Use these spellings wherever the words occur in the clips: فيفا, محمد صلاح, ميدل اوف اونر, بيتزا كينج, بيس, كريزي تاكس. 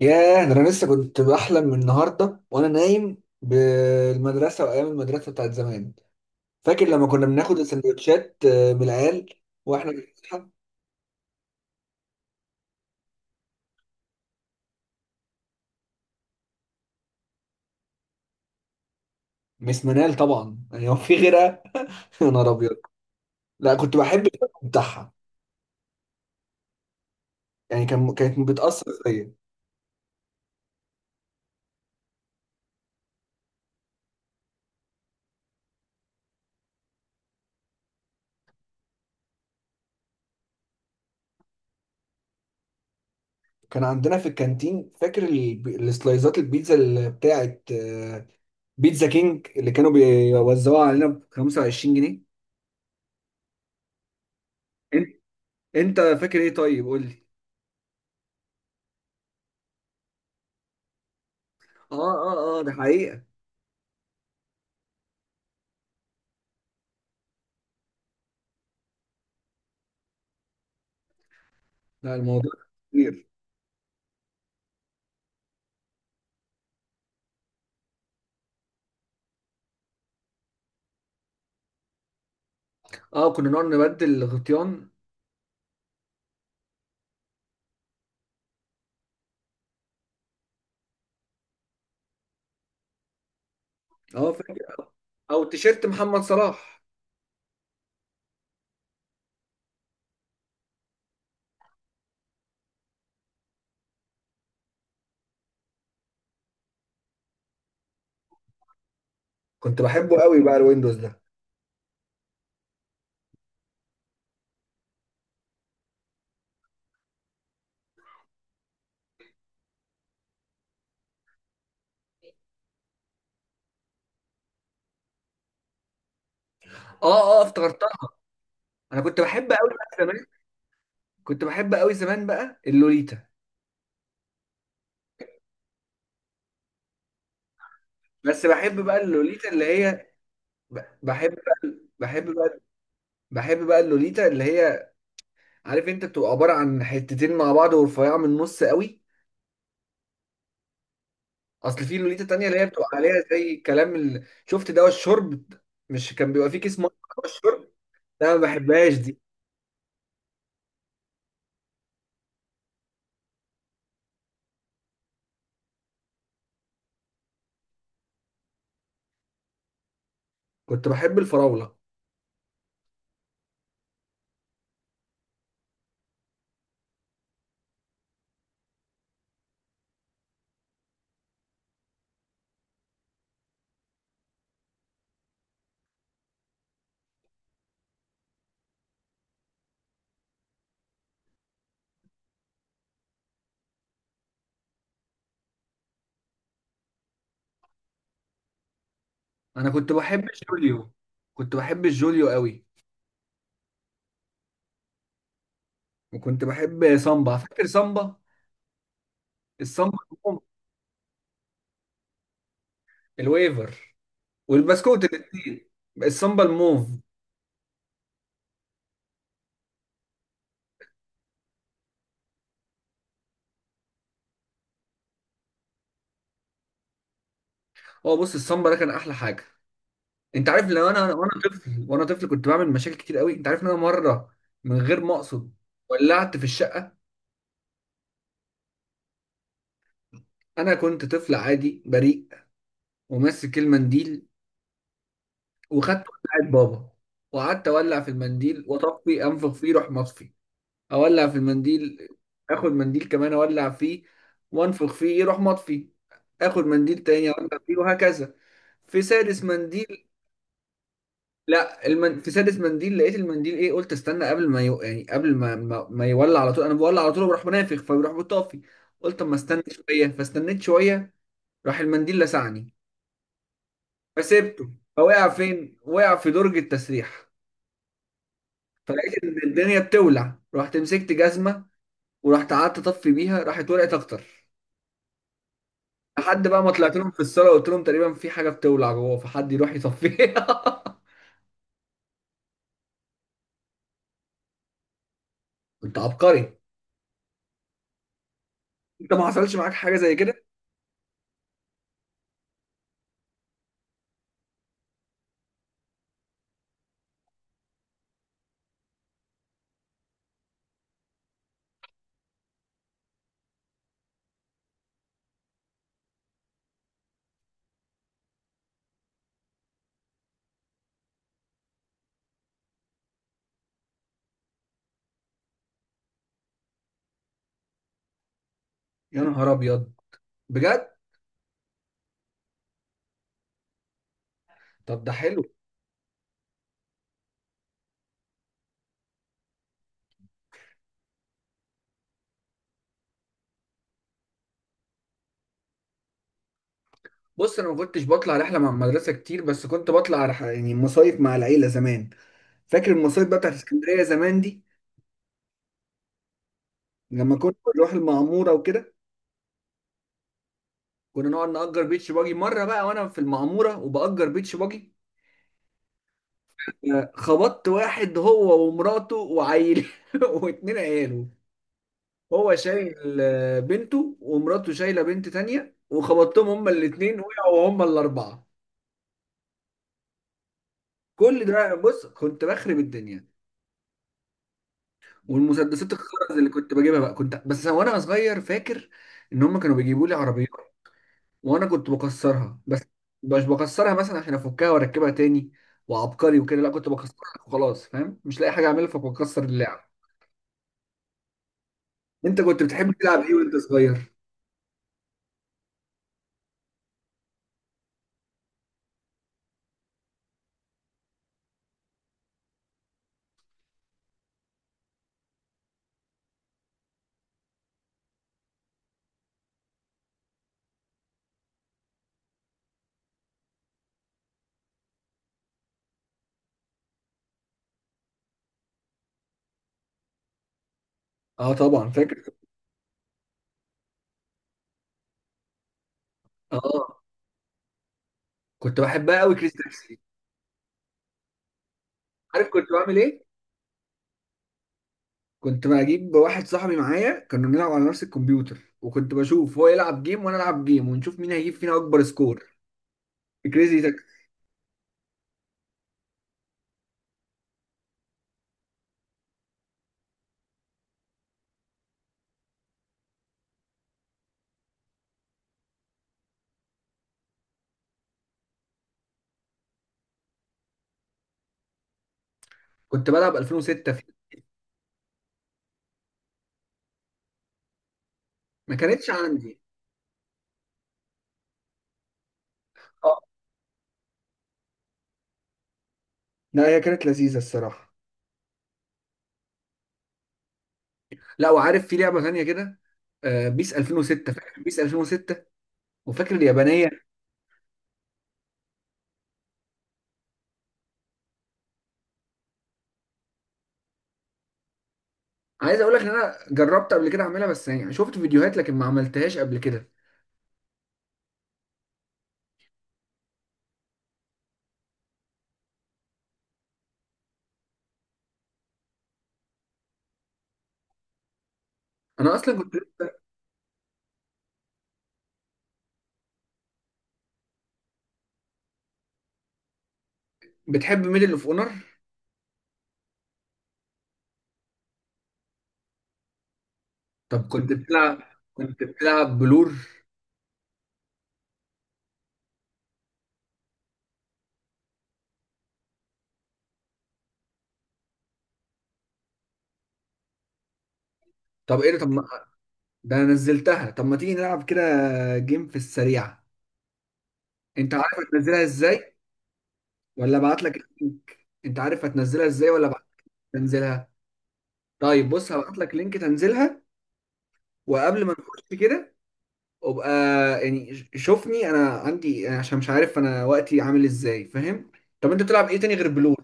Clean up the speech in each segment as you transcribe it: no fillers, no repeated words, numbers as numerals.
ياه، ده انا لسه كنت بحلم من النهارده وانا نايم بالمدرسه وايام المدرسه بتاعت زمان. فاكر لما كنا بناخد السندوتشات من العيال واحنا بنفتحها. مس منال طبعا، يعني هو في غيرها. يا نهار ابيض. لا، كنت بحب الشكل بتاعها. يعني كانت بتاثر فيا. كان عندنا في الكانتين، فاكر السلايزات البيتزا اللي بتاعت بيتزا كينج اللي كانوا بيوزعوها علينا ب 25 جنيه. انت انت فاكر ايه؟ طيب قول لي. اه اه اه، ده حقيقة. لا، الموضوع كبير. اه، كنا نقعد نبدل الغطيان. اه، فاكر. او تيشيرت محمد صلاح. كنت بحبه قوي بقى الويندوز ده. اه اه، افتكرتها. انا كنت بحب قوي بقى زمان. كنت بحب قوي زمان بقى اللوليتا. بس بحب بقى اللوليتا اللي هي، بحب بقى بحب بقى اللوليتا اللي هي، عارف انت بتبقى عباره عن حتتين مع بعض ورفيعه من النص قوي. اصل في لوليتا تانية اللي هي بتبقى عليها زي كلام شفت دواء الشرب؟ مش كان بيبقى فيه كيس ميه؟ دواء الشرب. لا، ما بحبهاش دي. كنت بحب الفراولة. أنا كنت بحب الجوليو. كنت بحب الجوليو قوي. وكنت بحب سامبا، فاكر سامبا؟ السامبا الموف. الويفر والبسكوت الاتنين. السامبا الموف. هو بص، السامبا ده كان أحلى حاجة. أنت عارف لو أنا وأنا طفل وأنا طفل كنت بعمل مشاكل كتير قوي. أنت عارف إن أنا مرة من غير ما أقصد ولعت في الشقة. أنا كنت طفل عادي بريء وماسك المنديل وخدت بتاعت بابا وقعدت أولع في المنديل وأطفي، أنفخ فيه روح مطفي. اولع في المنديل، اخد منديل كمان اولع فيه وانفخ فيه يروح مطفي. اخد منديل تاني اولع فيه وهكذا. في سادس منديل، لا المن... في سادس منديل لقيت المنديل ايه، قلت استنى قبل ما يعني قبل ما يولع على طول. انا بولع على طول وبروح منافخ فبيروح مطفي. قلت اما استنى شويه فاستنيت شويه. راح المنديل لسعني، فسيبته. فوقع فين؟ وقع في درج التسريح. فلقيت ان الدنيا بتولع، رحت مسكت جزمه ورحت قعدت اطفي بيها، راحت ولعت اكتر. لحد بقى ما طلعت لهم في الصاله قلت لهم تقريبا في حاجه بتولع جوه، فحد يروح يصفيها. انت عبقري. انت ما حصلش معاك حاجه زي كده؟ يا نهار ابيض، بجد. طب ده حلو. بص انا ما كنتش بطلع رحله مع المدرسه كتير، بس كنت بطلع يعني مصايف مع العيله زمان. فاكر المصايف بقى بتاعت اسكندريه زمان دي، لما كنا بنروح المعموره وكده؟ كنا نقعد نأجر بيتش باجي، مره بقى وانا في المعموره وبأجر بيتش باجي، خبطت واحد هو ومراته وعيل. واتنين عياله. هو شايل بنته ومراته شايله بنت تانية وخبطتهم هما الاثنين وقعوا هما الاربعه. كل ده، بص كنت بخرب الدنيا. والمسدسات الخرز اللي كنت بجيبها بقى، كنت بس وانا صغير، فاكر ان هما كانوا بيجيبوا لي عربيات وانا كنت بكسرها بس. مش بكسرها مثلا عشان افكها واركبها تاني وعبقري وكده، لا كنت بكسرها وخلاص، فاهم؟ مش لاقي حاجه اعملها فبكسر اللعب. انت كنت بتحب تلعب ايه وانت صغير؟ اه طبعا فاكر. اه كنت بحبها قوي كريس تاكسي. عارف كنت بعمل ايه؟ كنت بجيب واحد صاحبي معايا كنا بنلعب على نفس الكمبيوتر، وكنت بشوف هو يلعب جيم وانا العب جيم ونشوف مين هيجيب فينا اكبر سكور. كريزي تاكس. كنت بلعب 2006 فيه. ما كانتش عندي. اه، لا هي كانت لذيذة الصراحة. لا، وعارف في لعبة تانية كده، بيس 2006، فاكر بيس 2006؟ وفاكر اليابانية؟ عايز اقول لك ان انا جربت قبل كده اعملها، بس يعني شفت فيديوهات لكن ما عملتهاش قبل كده. انا اصلا كنت. بتحب ميدل اوف اونر؟ طب كنت بتلعب. كنت بتلعب بلور؟ طب ايه ده؟ طب، ده انا نزلتها. طب ما تيجي نلعب كده جيم في السريع؟ انت عارف هتنزلها ازاي ولا ابعت لك اللينك؟ انت عارف هتنزلها ازاي ولا ابعت لك تنزلها؟ طيب بص، هبعت لك لينك تنزلها. وقبل ما نخش كده ابقى، يعني شوفني انا عندي يعني، عشان مش عارف انا وقتي عامل ازاي، فاهم؟ طب انت بتلعب ايه تاني غير بلور؟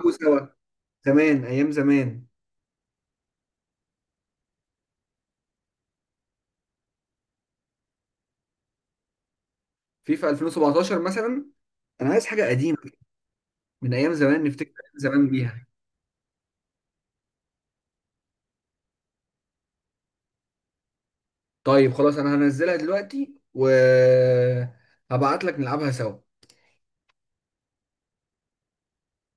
أو سوا زمان، ايام زمان. فيفا 2017 مثلا، انا عايز حاجه قديمه من ايام زمان نفتكر أيام زمان بيها. طيب خلاص، انا هنزلها دلوقتي و هبعت لك نلعبها سوا.